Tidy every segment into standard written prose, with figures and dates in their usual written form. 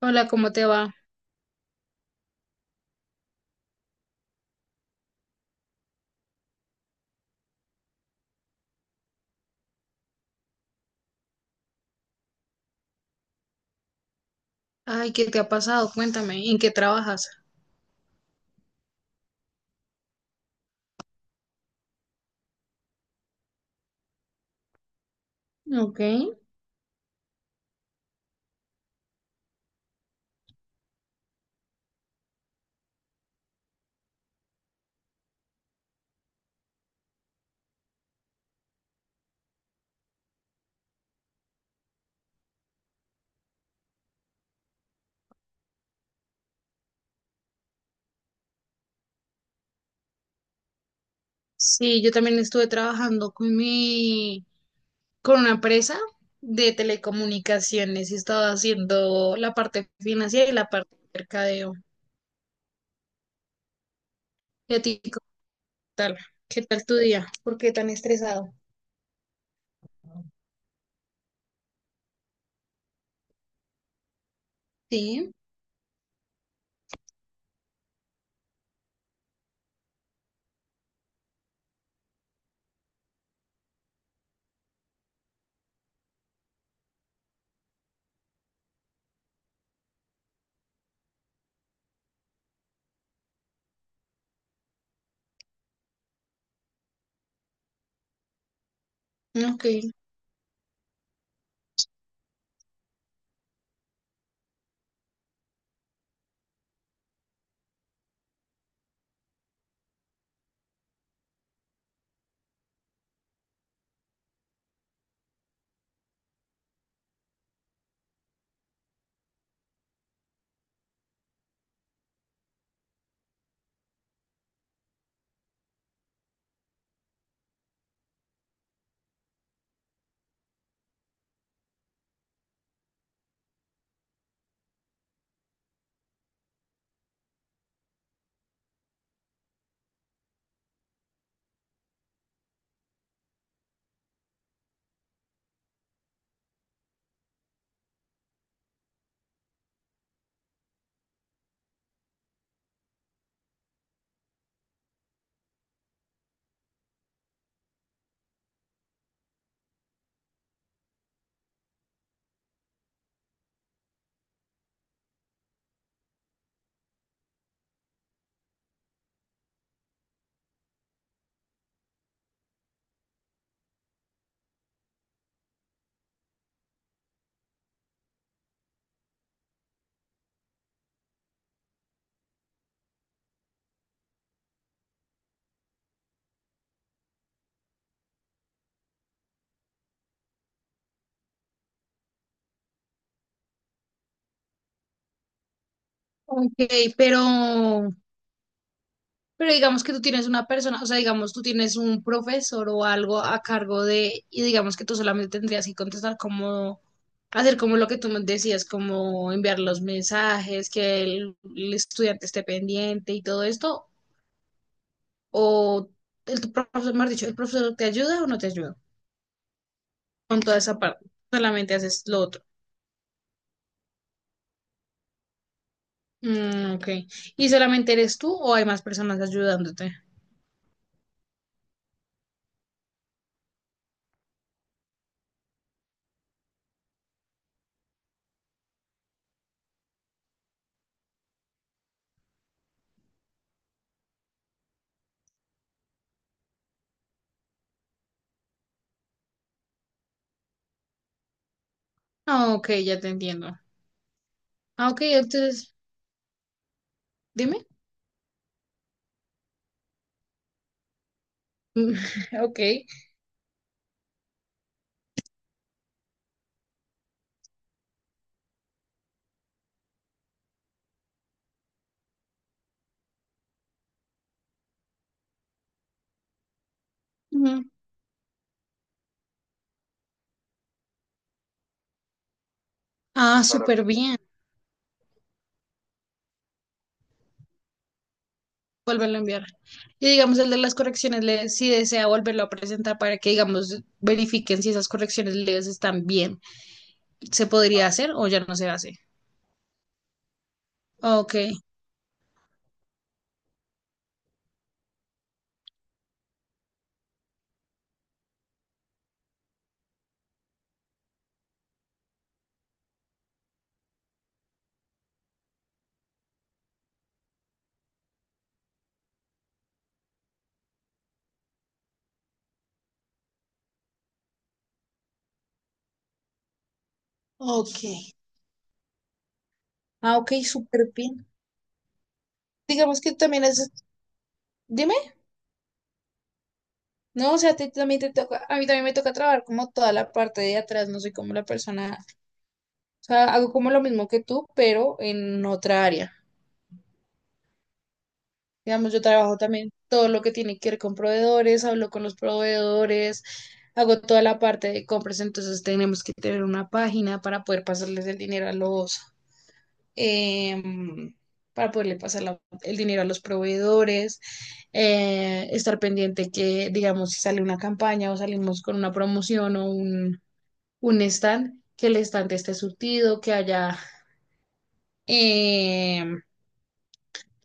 Hola, ¿cómo te va? Ay, ¿qué te ha pasado? Cuéntame, ¿en qué trabajas? Ok. Sí, yo también estuve trabajando con una empresa de telecomunicaciones y estaba haciendo la parte financiera y la parte de mercadeo. ¿Y a ti qué tal? ¿Qué tal tu día? ¿Por qué tan estresado? Sí, ok. Ok, pero Pero digamos que tú tienes una persona, o sea, digamos tú tienes un profesor o algo a cargo de, y digamos que tú solamente tendrías que contestar como, hacer como lo que tú me decías, como enviar los mensajes, que el estudiante esté pendiente y todo esto, o el tu profesor, mejor dicho, el profesor te ayuda o no te ayuda con toda esa parte, solamente haces lo otro. Mm, ok. ¿Y solamente eres tú o hay más personas ayudándote? Ah, ok, ya te entiendo. Ah, ok, entonces, dime. Ok. Ah, para súper bien. Vuélvelo a enviar. Y digamos, el de las correcciones, si desea volverlo a presentar para que, digamos, verifiquen si esas correcciones leves están bien. ¿Se podría hacer o ya no se hace? Ok, ok. Ah, ok, súper bien. Digamos que también es, dime, no, o sea, a ti también te toca, a mí también me toca trabajar como toda la parte de atrás, no soy como la persona, o sea, hago como lo mismo que tú, pero en otra área. Digamos, yo trabajo también todo lo que tiene que ver con proveedores, hablo con los proveedores, hago toda la parte de compras, entonces tenemos que tener una página para poder pasarles el dinero a los, em, para poderle pasar el dinero a los proveedores, estar pendiente que, digamos, si sale una campaña o salimos con una promoción o un stand, que el stand esté surtido, que haya em,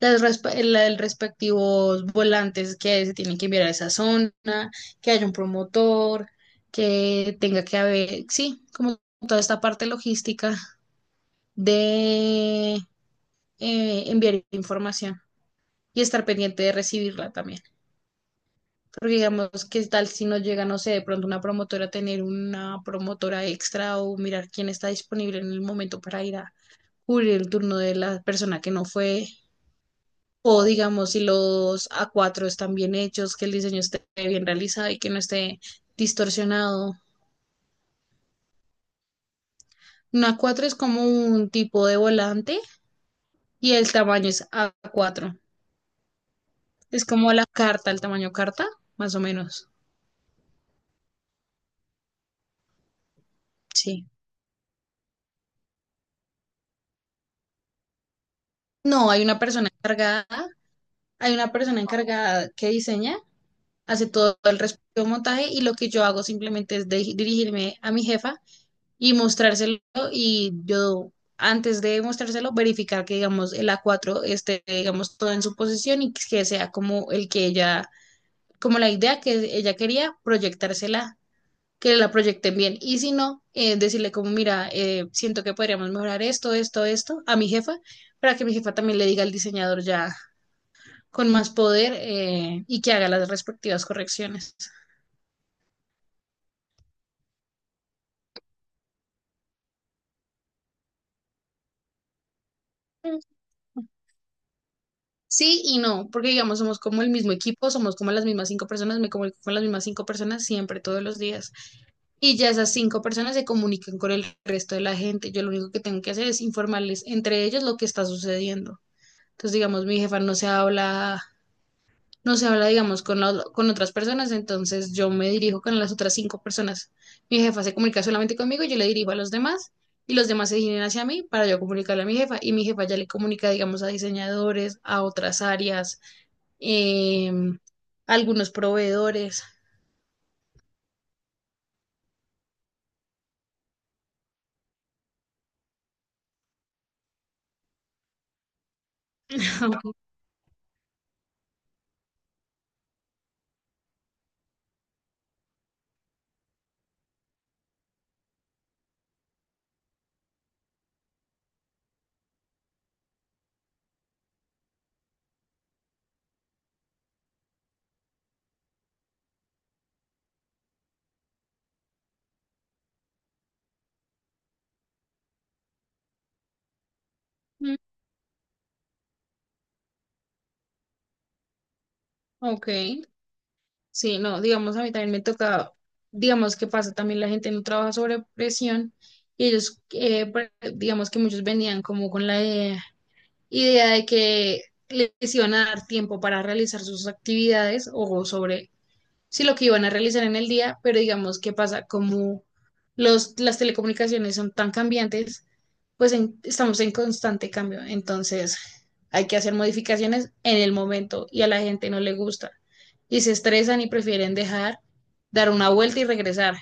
las resp- el respectivos volantes que se tienen que enviar a esa zona, que haya un promotor, que tenga que haber, sí, como toda esta parte logística de enviar información y estar pendiente de recibirla también. Porque digamos, ¿qué tal si no llega, no sé, de pronto una promotora, tener una promotora extra o mirar quién está disponible en el momento para ir a cubrir el turno de la persona que no fue. O digamos, si los A4 están bien hechos, que el diseño esté bien realizado y que no esté distorsionado. Un A4 es como un tipo de volante y el tamaño es A4. Es como la carta, el tamaño carta, más o menos. Sí. No, hay una persona encargada que diseña, hace todo el resto del montaje y lo que yo hago simplemente es dirigirme a mi jefa y mostrárselo y yo antes de mostrárselo verificar que digamos el a cuatro esté digamos todo en su posición y que sea como la idea que ella quería proyectársela, que la proyecten bien y si no, decirle como mira, siento que podríamos mejorar esto, esto, esto a mi jefa para que mi jefa también le diga al diseñador ya con más poder, y que haga las respectivas correcciones. Sí y no, porque digamos, somos como el mismo equipo, somos como las mismas cinco personas, me comunico con las mismas cinco personas siempre, todos los días. Y ya esas cinco personas se comunican con el resto de la gente. Yo lo único que tengo que hacer es informarles entre ellos lo que está sucediendo. Entonces, digamos, mi jefa no se habla, digamos, con otras personas, entonces yo me dirijo con las otras cinco personas. Mi jefa se comunica solamente conmigo, yo le dirijo a los demás y los demás se dirigen hacia mí para yo comunicarle a mi jefa y mi jefa ya le comunica, digamos, a diseñadores, a otras áreas, em, a algunos proveedores. Mm, ok, sí, no, digamos, a mí también me toca, digamos, ¿que pasa? También la gente no trabaja sobre presión y ellos, digamos que muchos venían como con la idea de que les iban a dar tiempo para realizar sus actividades o sobre si lo que iban a realizar en el día, pero digamos qué pasa, como las telecomunicaciones son tan cambiantes, pues estamos en constante cambio, entonces hay que hacer modificaciones en el momento y a la gente no le gusta y se estresan y prefieren dejar, dar una vuelta y regresar,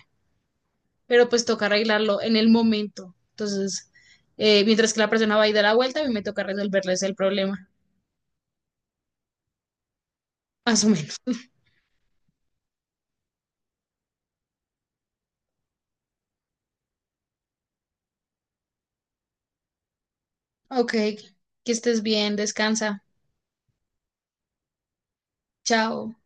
pero pues toca arreglarlo en el momento, entonces mientras que la persona va y da la vuelta, a mí me toca resolverles el problema. Más o menos. Ok, que estés bien, descansa. Chao.